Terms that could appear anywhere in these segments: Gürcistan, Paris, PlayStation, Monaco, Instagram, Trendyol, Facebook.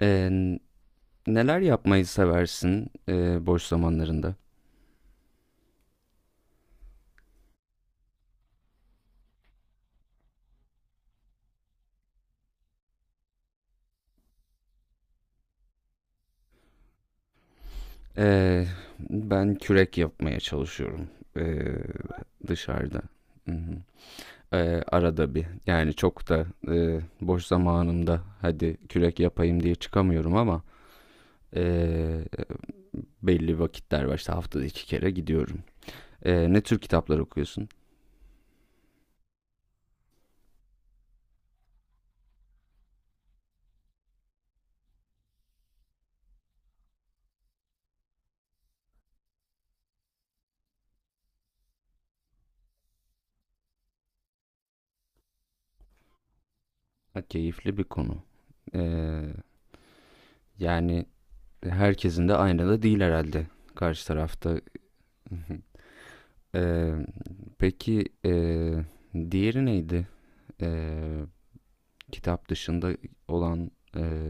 Ee, neler yapmayı seversin, boş zamanlarında? Ee, ben kürek yapmaya çalışıyorum, ee, dışarıda. Hı hı. Arada bir, yani çok da boş zamanımda hadi kürek yapayım diye çıkamıyorum, ama e, belli vakitler var, işte haftada 2 kere gidiyorum. Ne tür kitaplar okuyorsun? Ha, keyifli bir konu. Ee, yani herkesin de aynı da değil herhalde karşı tarafta. Ee, peki, diğeri neydi? Ee, kitap dışında olan, ee,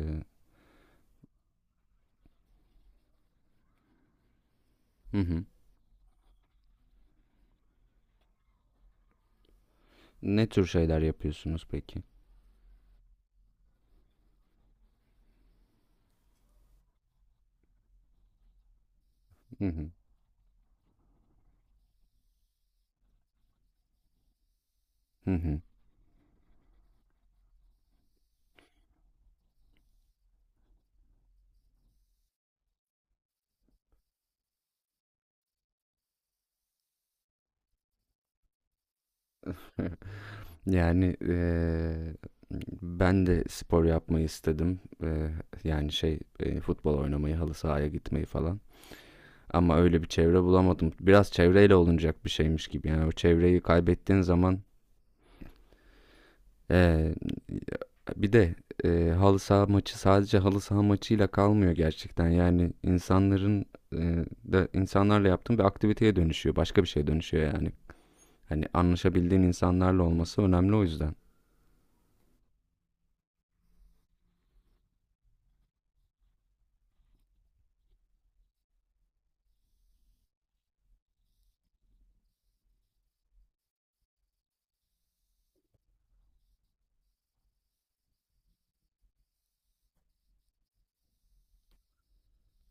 hı hı. Ne tür şeyler yapıyorsunuz peki? Hı hı. Hı hı. Yani, ben de spor yapmayı istedim. Yani şey, futbol oynamayı, halı sahaya gitmeyi falan. Ama öyle bir çevre bulamadım. Biraz çevreyle olunacak bir şeymiş gibi. Yani o çevreyi kaybettiğin zaman... Ee, bir de halı saha maçı sadece halı saha maçıyla kalmıyor gerçekten. Yani insanların, e, da insanlarla yaptığın bir aktiviteye dönüşüyor. Başka bir şeye dönüşüyor yani. Hani anlaşabildiğin insanlarla olması önemli, o yüzden.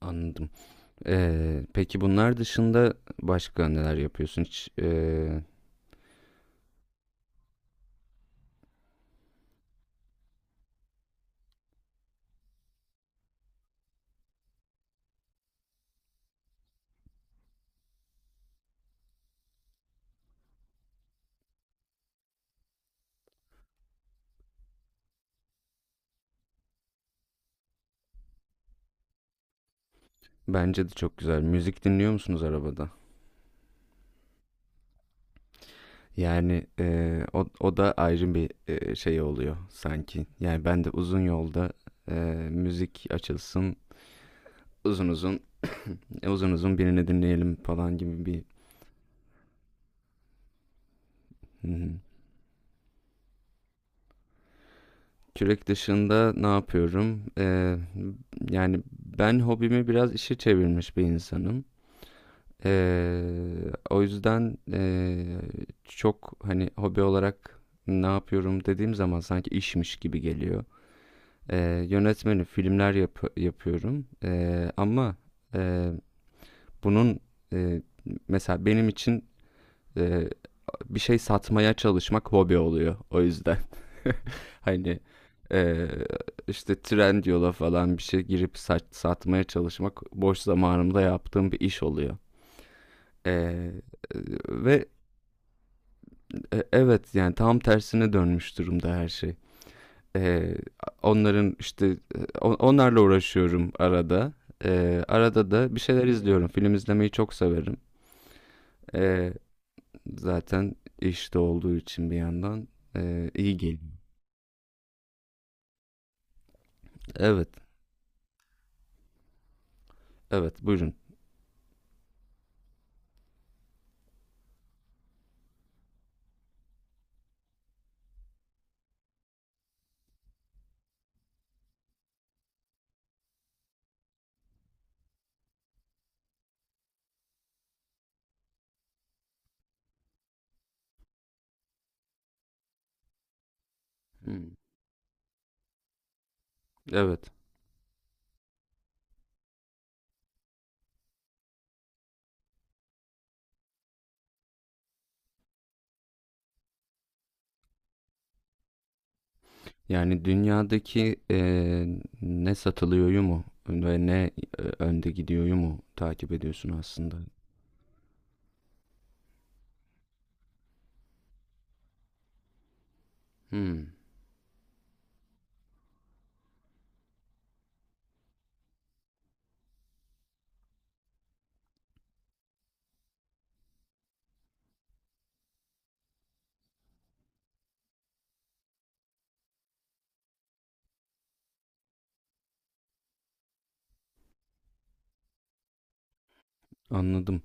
Anladım. Peki bunlar dışında başka neler yapıyorsun? Hiç, bence de çok güzel. Müzik dinliyor musunuz arabada? Yani o da ayrı bir şey oluyor sanki. Yani ben de uzun yolda müzik açılsın, uzun uzun uzun uzun birini dinleyelim falan gibi bir. Hı hı. Kürek dışında ne yapıyorum? Yani ben hobimi biraz işe çevirmiş bir insanım. O yüzden çok hani hobi olarak ne yapıyorum dediğim zaman sanki işmiş gibi geliyor. Yönetmenim, filmler yapıyorum. Ama e, bunun, e, mesela benim için, e, bir şey satmaya çalışmak hobi oluyor. O yüzden hani e, işte Trendyol'a falan bir şey girip satmaya çalışmak boş zamanımda yaptığım bir iş oluyor. Ee, e, ve evet, yani tam tersine dönmüş durumda her şey. Ee, onların işte, onlarla uğraşıyorum arada. Arada da bir şeyler izliyorum. Film izlemeyi çok severim. Ee, zaten işte olduğu için bir yandan iyi geliyor. Evet, evet, buyurun. Hmm. Evet. Yani dünyadaki, ne satılıyor mu ve ne önde gidiyor mu, takip ediyorsun aslında. Hmm, anladım.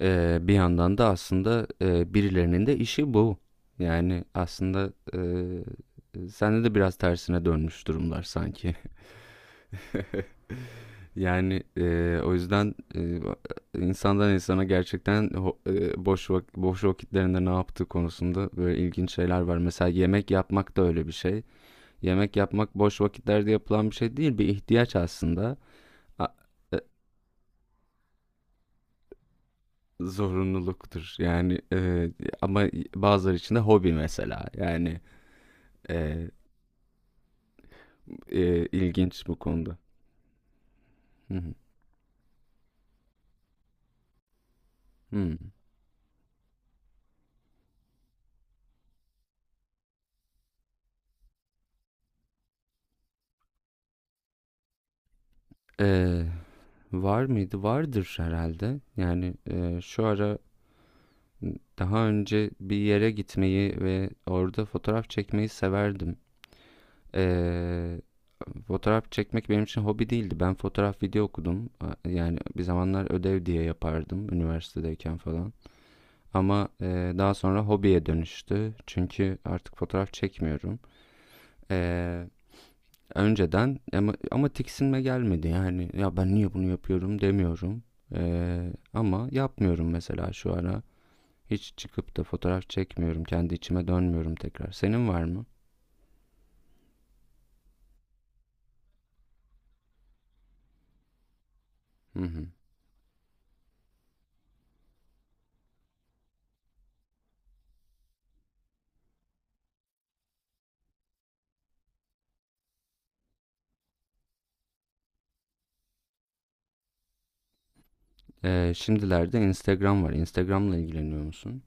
Bir yandan da aslında, birilerinin de işi bu. Yani aslında, sende de biraz tersine dönmüş durumlar sanki. Yani, o yüzden, insandan insana gerçekten boş vakitlerinde ne yaptığı konusunda böyle ilginç şeyler var. Mesela yemek yapmak da öyle bir şey. Yemek yapmak boş vakitlerde yapılan bir şey değil, bir ihtiyaç aslında. A- e, Zorunluluktur. Yani, ama bazıları için de hobi mesela. Yani. Ee, ilginç bu konuda. Hı hı. Hı. Ee, var mıydı? Vardır herhalde. Yani, şu ara daha önce bir yere gitmeyi ve orada fotoğraf çekmeyi severdim. Ee, fotoğraf çekmek benim için hobi değildi. Ben fotoğraf video okudum. Yani bir zamanlar ödev diye yapardım üniversitedeyken falan. Ama daha sonra hobiye dönüştü. Çünkü artık fotoğraf çekmiyorum. Ee, Önceden ama tiksinme gelmedi, yani ya ben niye bunu yapıyorum demiyorum. Ama yapmıyorum, mesela şu ara hiç çıkıp da fotoğraf çekmiyorum, kendi içime dönmüyorum tekrar. Senin var mı? Hı hı. Şimdilerde Instagram var, Instagram'la ilgileniyor musun?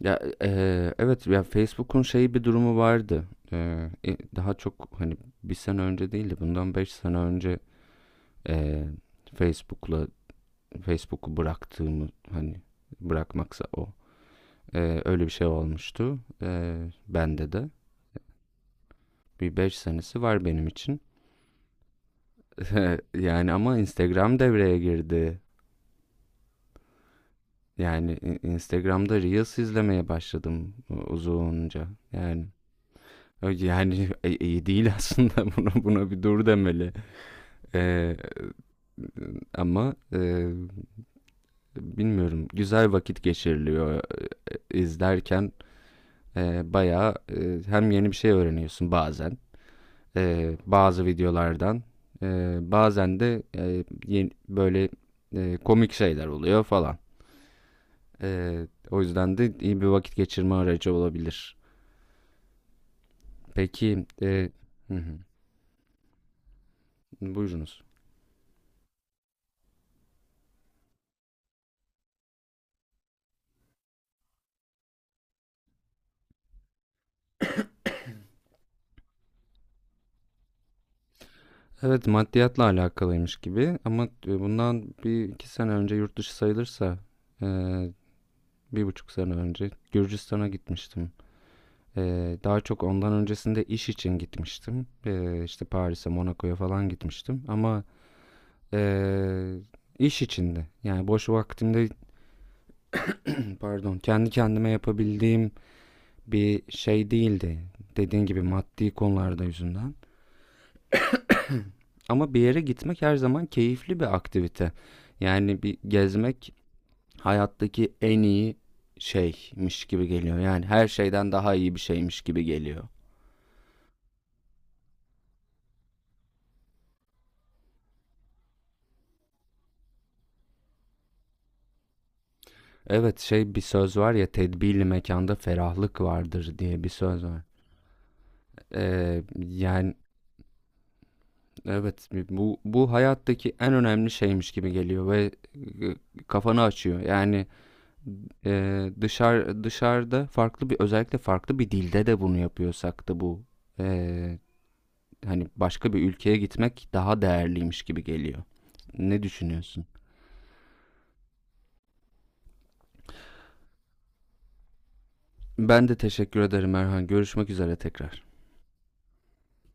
Ya, evet, ya Facebook'un şeyi bir durumu vardı. Daha çok hani bir sene önce değil de bundan 5 sene önce, e, Facebook'la Facebook'u bıraktığımı, hani bırakmaksa o, öyle bir şey olmuştu. Bende de. Bir 5 senesi var benim için. Yani ama Instagram devreye girdi. Yani Instagram'da Reels izlemeye başladım uzunca. Yani, yani iyi değil, aslında buna bir dur demeli. Eee, ama bilmiyorum, güzel vakit geçiriliyor izlerken, bayağı, hem yeni bir şey öğreniyorsun bazen bazı videolardan. Bazen de böyle komik şeyler oluyor falan. E, o yüzden de iyi bir vakit geçirme aracı olabilir. Peki. Hı hı. Buyurunuz. Evet, maddiyatla alakalıymış gibi, ama bundan bir iki sene önce yurt dışı sayılırsa, e, 1,5 sene önce Gürcistan'a gitmiştim. Daha çok ondan öncesinde iş için gitmiştim. İşte Paris'e, Monaco'ya falan gitmiştim. Ama... Ee, iş içinde yani boş vaktimde, pardon, kendi kendime yapabildiğim bir şey değildi. Dediğin gibi maddi konularda yüzünden. Ama bir yere gitmek her zaman keyifli bir aktivite. Yani bir gezmek hayattaki en iyi şeymiş gibi geliyor. Yani her şeyden daha iyi bir şeymiş gibi geliyor. Evet, şey, bir söz var ya, tedbirli mekanda ferahlık vardır diye bir söz var. Yani, evet, bu hayattaki en önemli şeymiş gibi geliyor ve kafanı açıyor. Yani, dışarıda, farklı bir, özellikle farklı bir dilde de bunu yapıyorsak, da bu, e, hani başka bir ülkeye gitmek daha değerliymiş gibi geliyor. Ne düşünüyorsun? Ben de teşekkür ederim Erhan. Görüşmek üzere tekrar.